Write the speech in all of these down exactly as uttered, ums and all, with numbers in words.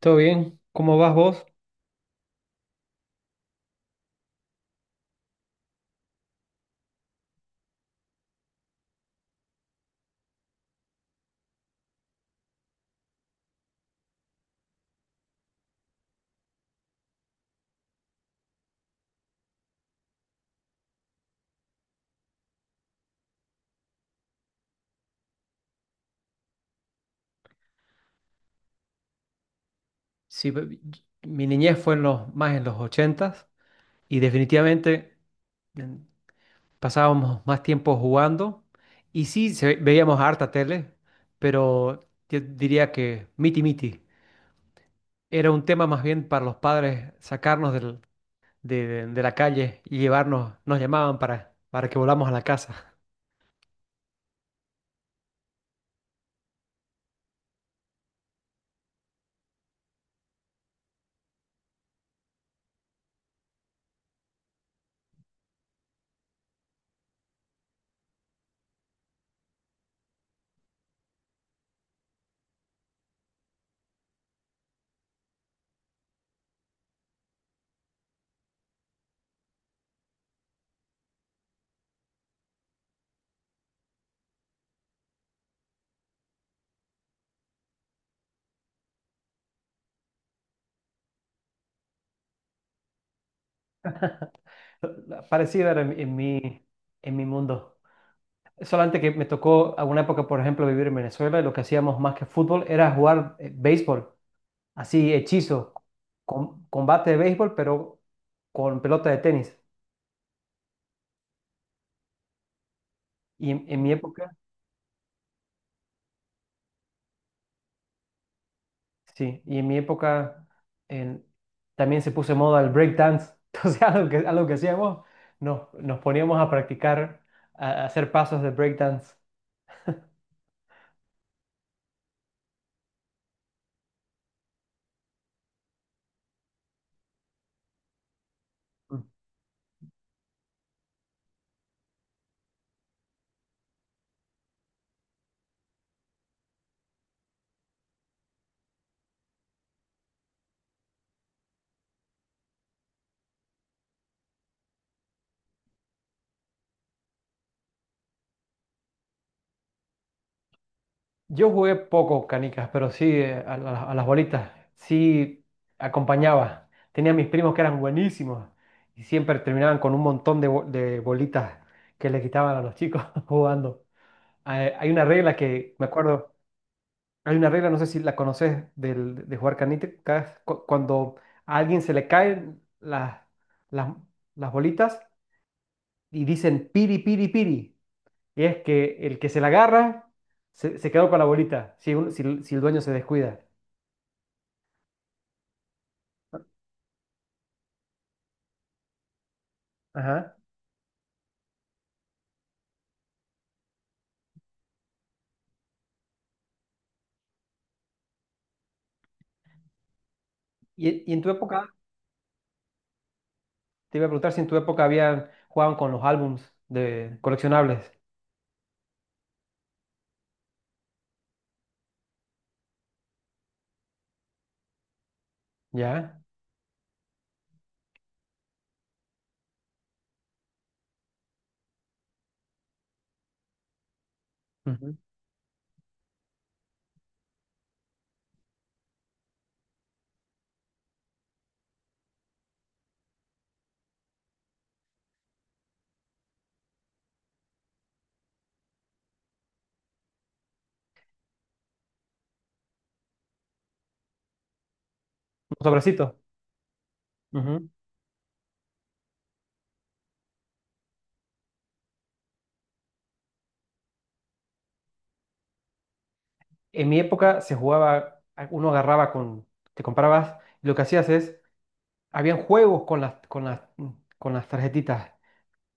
¿Todo bien? ¿Cómo vas vos? Sí, pe- mi niñez fue en los, más en los ochentas y definitivamente en- pasábamos más tiempo jugando y sí, se, ve- veíamos harta tele, pero yo diría que miti miti. Era un tema más bien para los padres sacarnos del- de, de- la calle y llevarnos, nos llamaban para, para que volamos a la casa. Parecida era en, en mi, en mi mundo. Solamente que me tocó alguna época, por ejemplo, vivir en Venezuela y lo que hacíamos más que fútbol era jugar eh, béisbol, así hechizo, com- combate de béisbol, pero con pelota de tenis. Y en, en mi época, sí, y en mi época en- también se puso de moda el break dance. Entonces, algo que, algo que hacíamos, nos, nos poníamos a practicar, a, a hacer pasos de break dance. Yo jugué poco canicas, pero sí eh, a, la- a las bolitas. Sí acompañaba. Tenía mis primos que eran buenísimos y siempre terminaban con un montón de, bo- de bolitas que le quitaban a los chicos jugando. Eh, hay una regla que me acuerdo, hay una regla, no sé si la conoces, del- de jugar canicas. cu- Cuando a alguien se le caen las, las, las bolitas y dicen piri, piri, piri. Y es que el que se la agarra se, se quedó con la bolita, si, un- si el si el dueño se descuida. Ajá. Y, y en tu época, te iba a preguntar si en tu época habían jugaban con los álbums de coleccionables, ¿ya? Ujú. Un sobrecito. Ujú. En mi época se jugaba, a- uno agarraba con, te comprabas, y lo que hacías es, habían juegos con las, con las, mm, con las tarjetitas.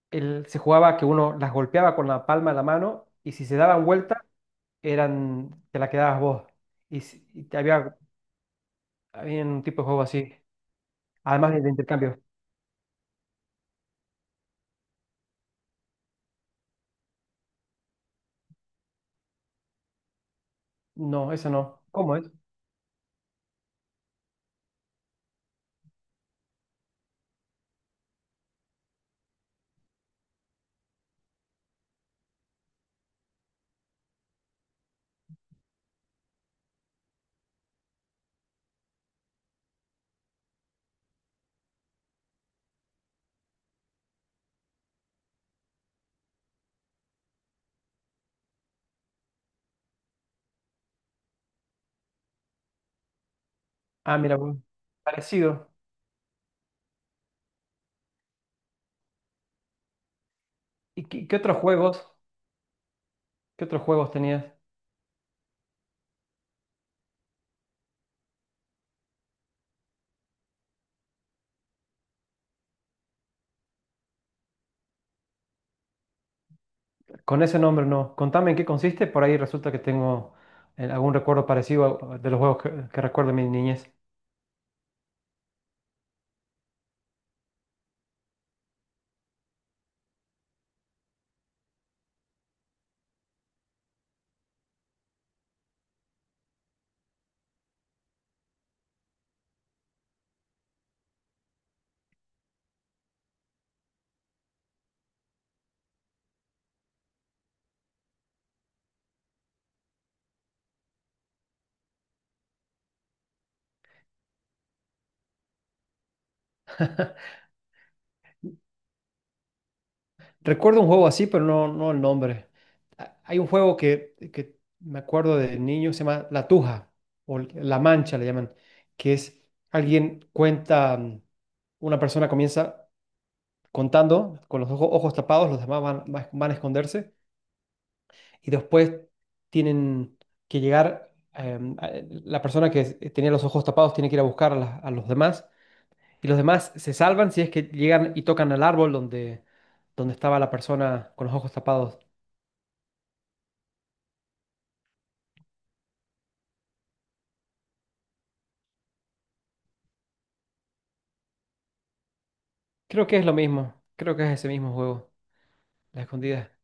El- se jugaba que uno las golpeaba con la palma de la mano y si se daban vuelta, eran, te la quedabas vos. Y, si- y te había. Había un tipo de juego así. Además de, de intercambio. No, eso no. ¿Cómo es? Ah, mira, pues, parecido. ¿Y qué, qué otros juegos? ¿Qué otros juegos tenías? Con ese nombre no. Contame en qué consiste. Por ahí resulta que tengo eh, algún recuerdo parecido a- de los juegos que, que recuerdo de mi niñez. Recuerdo un juego así, pero no, no el nombre. Ha- Hay un juego que, que me acuerdo de niño, se llama La Tuja, o La Mancha le llaman, que es alguien cuenta, mm, una persona comienza contando con los ojo- ojos tapados, los demás van, va- van a esconderse y después tienen que llegar, eh, a- la persona que tenía los ojos tapados tiene que ir a buscar a, la- a los demás y los demás se salvan si es que llegan y tocan al árbol donde, donde estaba la persona con los ojos tapados. Creo que es lo mismo, creo que es ese mismo juego, la escondida.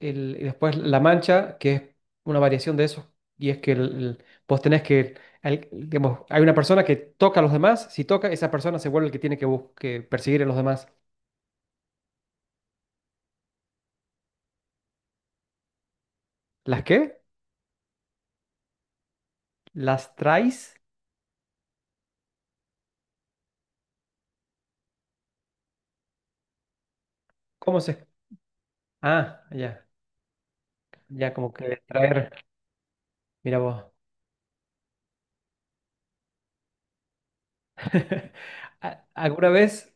el- y después la mancha, que es una variación de eso, y es que el- el- vos tenés que, al- digamos, hay una persona que toca a los demás, si toca, esa persona se vuelve el que tiene que, bus- que perseguir a los demás. ¿Las qué? ¿Las traes? ¿Cómo se? Ah, ya, ya como que traer, mira vos. A- Alguna vez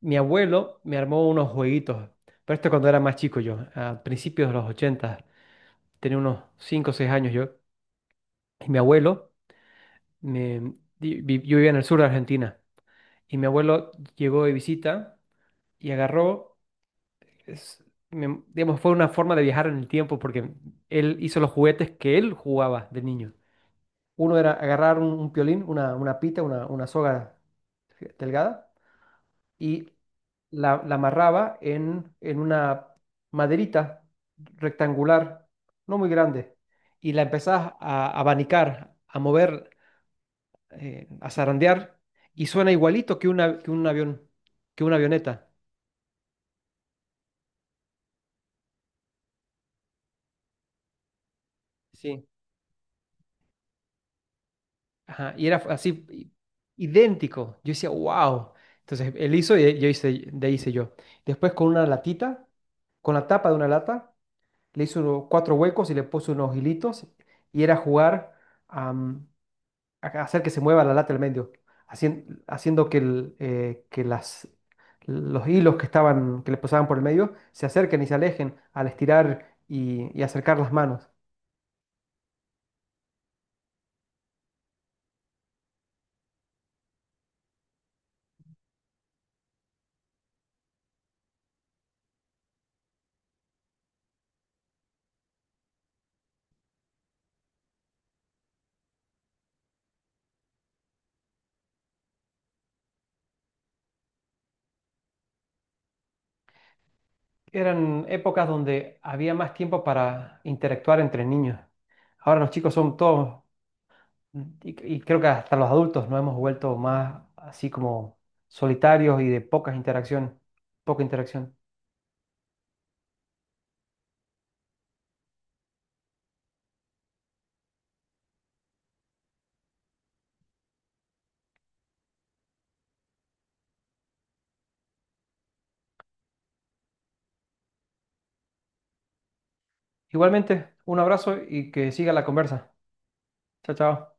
mi abuelo me armó unos jueguitos, pero esto cuando era más chico yo, a principios de los ochentas, tenía unos cinco o seis años yo, y mi abuelo, me- di- vi- yo vivía en el sur de Argentina y mi abuelo llegó de visita y agarró, es- me- digamos, fue una forma de viajar en el tiempo porque él hizo los juguetes que él jugaba de niño. Uno era agarrar un, un piolín, una, una pita, una, una soga delgada y la, la amarraba en, en una maderita rectangular, no muy grande, y la empezás a abanicar, a mover eh, a zarandear y suena igualito que, una, que un avión, que una avioneta. Sí. Ajá, y era así, i- idéntico. Yo decía, wow. Entonces él hizo y yo hice, de ahí hice yo. Después con una latita, con la tapa de una lata, le hizo uno- cuatro huecos y le puso unos hilitos y era jugar. A- hacer que se mueva la lata al medio, hacien- haciendo que, el, eh, que las, los hilos que estaban, que le pasaban por el medio se acerquen y se alejen al estirar y, y acercar las manos. Eran épocas donde había más tiempo para interactuar entre niños. Ahora los chicos son todos, y, y creo que hasta los adultos nos hemos vuelto más así como solitarios y de pocas interacciones, poca interacción. Igualmente, un abrazo y que siga la conversa. Chao, chao.